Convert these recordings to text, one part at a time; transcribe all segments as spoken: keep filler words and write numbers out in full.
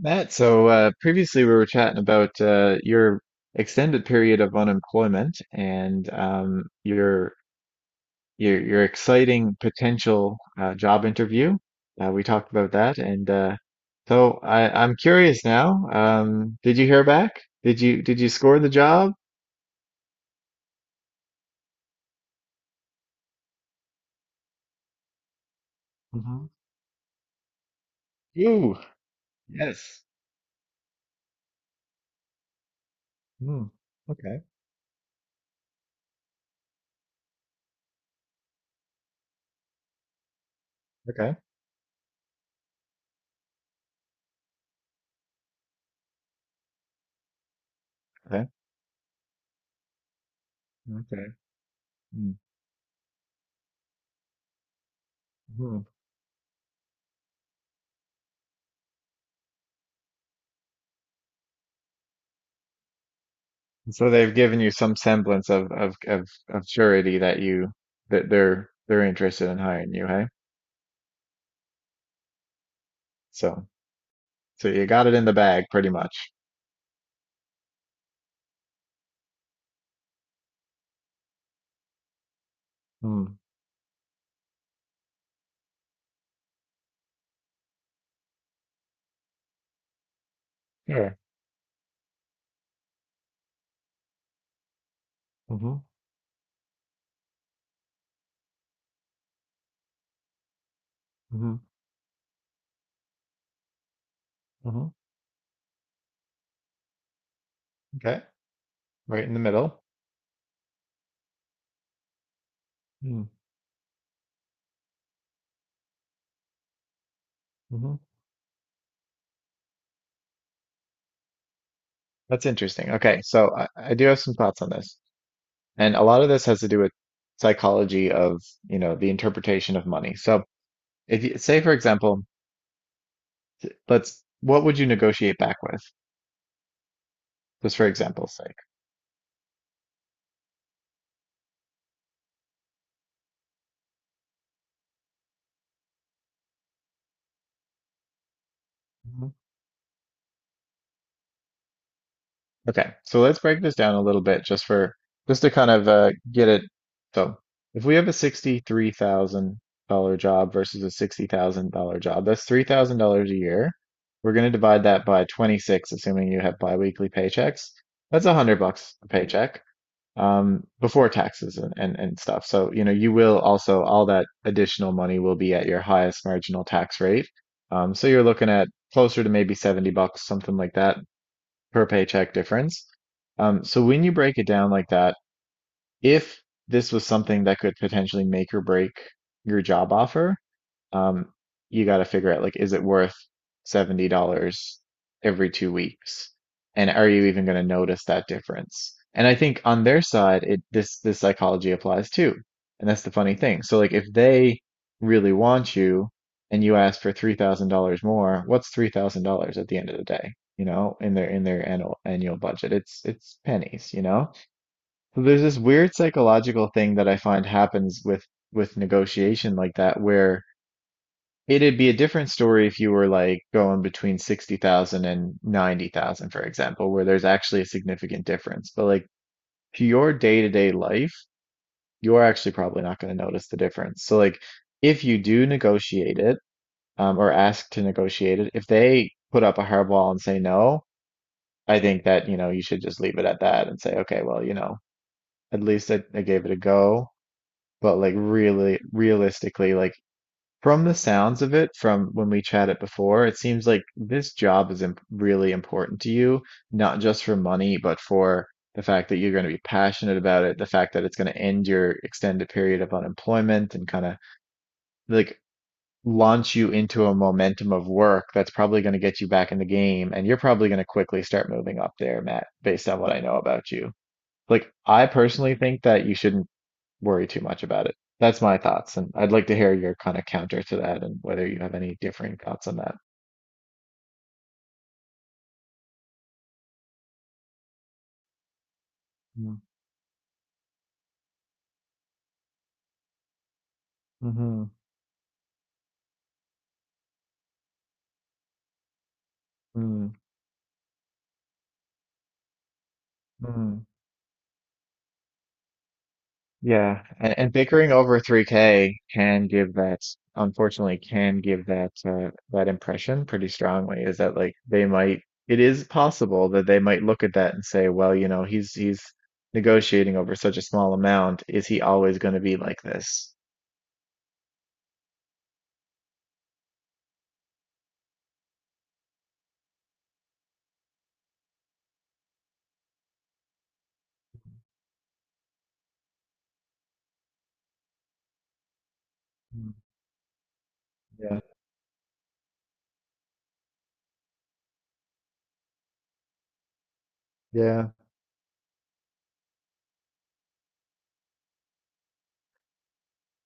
Matt, so uh, previously we were chatting about uh, your extended period of unemployment and um, your your your exciting potential uh, job interview. Uh, we talked about that, and uh, so I, I'm curious now. Um, did you hear back? Did you did you score the job? Hmm. Ooh, yes. Hmm. Okay. Okay. Okay. Okay. Mm-hmm. So they've given you some semblance of of of, of surety that you that they're they're interested in hiring you, hey? So so you got it in the bag pretty much. Mm. Sure. Hmm. Hmm. Hmm. Okay. Right in the middle. Mm. Hmm. Mm-hmm. That's interesting. Okay, so I, I do have some thoughts on this. And a lot of this has to do with psychology of, you know, the interpretation of money. So if you say, for example, let's what would you negotiate back with? Just for example's sake. Okay, so let's break this down a little bit just for just to kind of uh, get it. So if we have a sixty-three thousand dollar job versus a sixty thousand dollar job, that's three thousand dollars a year. We're going to divide that by twenty-six, assuming you have biweekly paychecks. That's a hundred bucks a paycheck um, before taxes and, and and stuff. So you know you will also all that additional money will be at your highest marginal tax rate. Um, so you're looking at closer to maybe seventy bucks, something like that per paycheck difference. Um, so when you break it down like that, if this was something that could potentially make or break your job offer, um, you got to figure out, like, is it worth seventy dollars every two weeks? And are you even going to notice that difference? And I think on their side, it this this psychology applies too. And that's the funny thing. So, like, if they really want you and you ask for three thousand dollars more, what's three thousand dollars at the end of the day? You know, in their in their annual annual budget, it's it's pennies, you know? So there's this weird psychological thing that I find happens with with negotiation like that, where it'd be a different story if you were like going between sixty thousand and ninety thousand, for example, where there's actually a significant difference. But, like, to your day-to-day life, you're actually probably not going to notice the difference. So, like, if you do negotiate it, um, or ask to negotiate it, if they put up a hardball and say no, I think that, you know, you should just leave it at that and say, okay, well, you know, at least I, I gave it a go. But, like, really, realistically, like, from the sounds of it, from when we chatted before, it seems like this job is imp really important to you, not just for money, but for the fact that you're going to be passionate about it, the fact that it's going to end your extended period of unemployment and kind of like launch you into a momentum of work that's probably going to get you back in the game. And you're probably going to quickly start moving up there, Matt, based on what I know about you. Like, I personally think that you shouldn't worry too much about it. That's my thoughts, and I'd like to hear your kind of counter to that and whether you have any differing thoughts on that. Mm-hmm. Mm-hmm. Yeah, and, and bickering over three K can give that, unfortunately, can give that uh, that impression pretty strongly. Is that like they might, it is possible that they might look at that and say, well, you know, he's he's negotiating over such a small amount. Is he always going to be like this? Mm. Yeah. Yeah.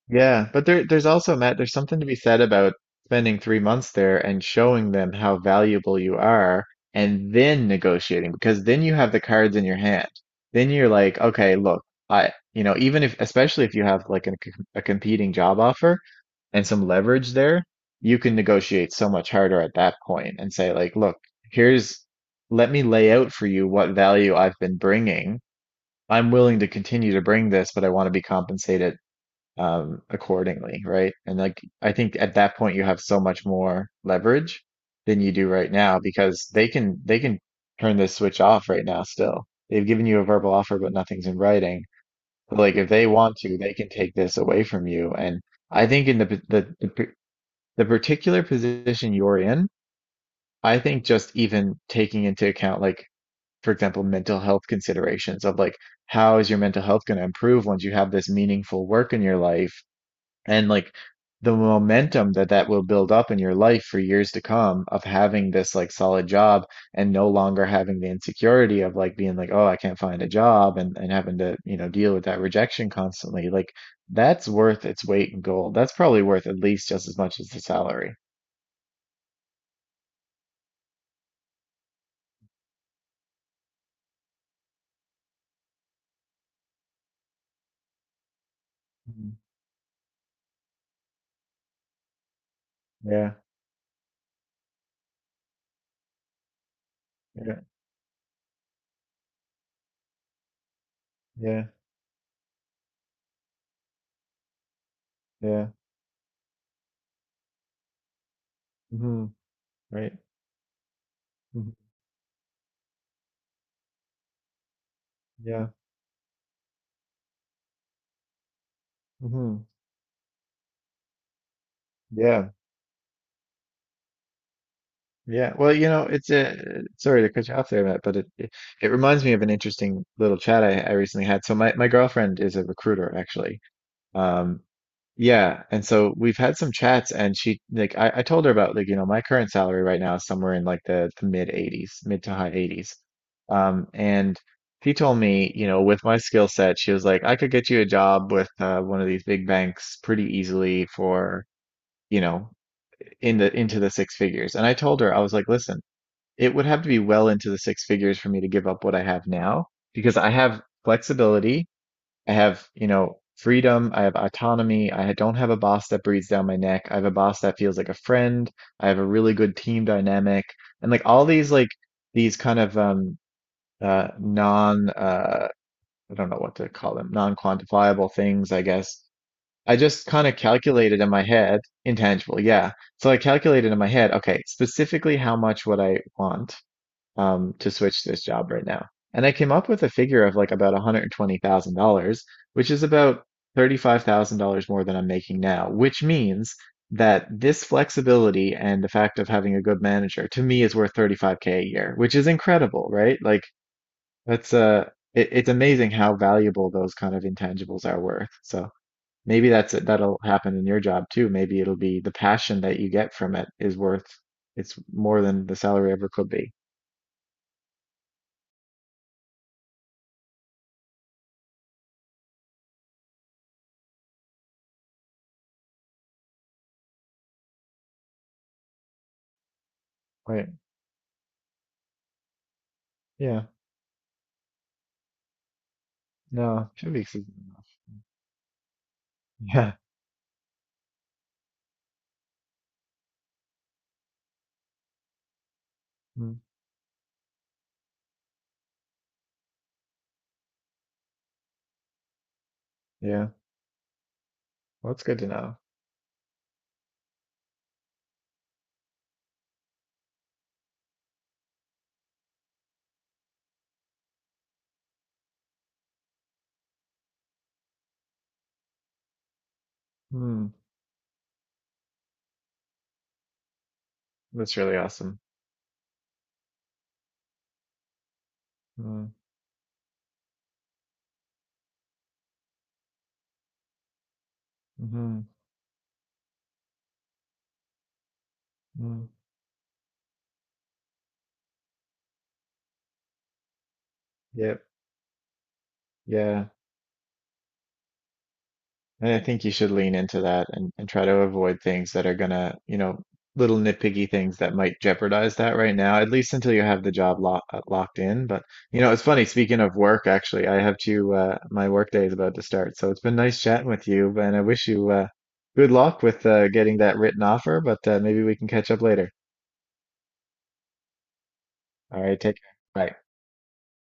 Yeah, but there, there's also, Matt, there's something to be said about spending three months there and showing them how valuable you are, and then negotiating, because then you have the cards in your hand. Then you're like, okay, look, I, you know, even if, especially if you have like a, com- a competing job offer and some leverage there, you can negotiate so much harder at that point and say, like, look, here's, let me lay out for you what value I've been bringing. I'm willing to continue to bring this, but I want to be compensated um, accordingly, right? And, like, I think at that point you have so much more leverage than you do right now, because they can they can turn this switch off right now still. They've given you a verbal offer, but nothing's in writing. But, like, if they want to, they can take this away from you. And I think in the the the, p- the particular position you're in, I think just even taking into account, like, for example, mental health considerations of, like, how is your mental health going to improve once you have this meaningful work in your life? And, like, the momentum that that will build up in your life for years to come of having this, like, solid job, and no longer having the insecurity of, like, being like, oh, I can't find a job, and and having to, you know deal with that rejection constantly. Like, that's worth its weight in gold. That's probably worth at least just as much as the salary. Mhm. Yeah. Yeah. Yeah. Yeah. Hmm. Right. Hmm. Yeah. Hmm. Yeah. Yeah, well, you know, it's a sorry to cut you off there, Matt, but it it, it reminds me of an interesting little chat I, I recently had. So my my girlfriend is a recruiter, actually. Um, yeah, and so we've had some chats, and she like I, I told her about, like, you know, my current salary right now is somewhere in, like, the, the mid eighties, mid to high eighties. Um, and she told me, you know, with my skill set, she was like, I could get you a job with uh, one of these big banks pretty easily for, you know, in the into the six figures. And I told her, I was like, listen. It would have to be well into the six figures for me to give up what I have now, because I have flexibility. I have, you know, freedom. I have autonomy. I don't have a boss that breathes down my neck. I have a boss that feels like a friend. I have a really good team dynamic and, like, all these, like, these kind of, um, uh, non, uh, I don't know what to call them, non-quantifiable things, I guess. I just kind of calculated in my head, intangible, yeah. So I calculated in my head, okay, specifically how much would I want, um, to switch this job right now? And I came up with a figure of like about one hundred twenty thousand dollars which is about thirty-five thousand dollars more than I'm making now, which means that this flexibility and the fact of having a good manager to me is worth thirty-five K a year, which is incredible, right? Like, that's uh it, it's amazing how valuable those kind of intangibles are worth. So maybe that's it. That'll happen in your job too. Maybe it'll be the passion that you get from it is worth it's more than the salary ever could be. Right. Yeah. No, two weeks is enough. Yeah. Mm. Yeah. Well, that's good to know. Hmm. That's really awesome. Mm. Hmm. Mm. Yep. Yeah. And I think you should lean into that and, and try to avoid things that are gonna, you know, little nitpicky things that might jeopardize that right now, at least until you have the job lo uh, locked in. But, you know, it's funny, speaking of work, actually, I have to, uh, my work day is about to start. So it's been nice chatting with you, and I wish you, uh, good luck with, uh, getting that written offer, but, uh, maybe we can catch up later. All right, take care. Bye.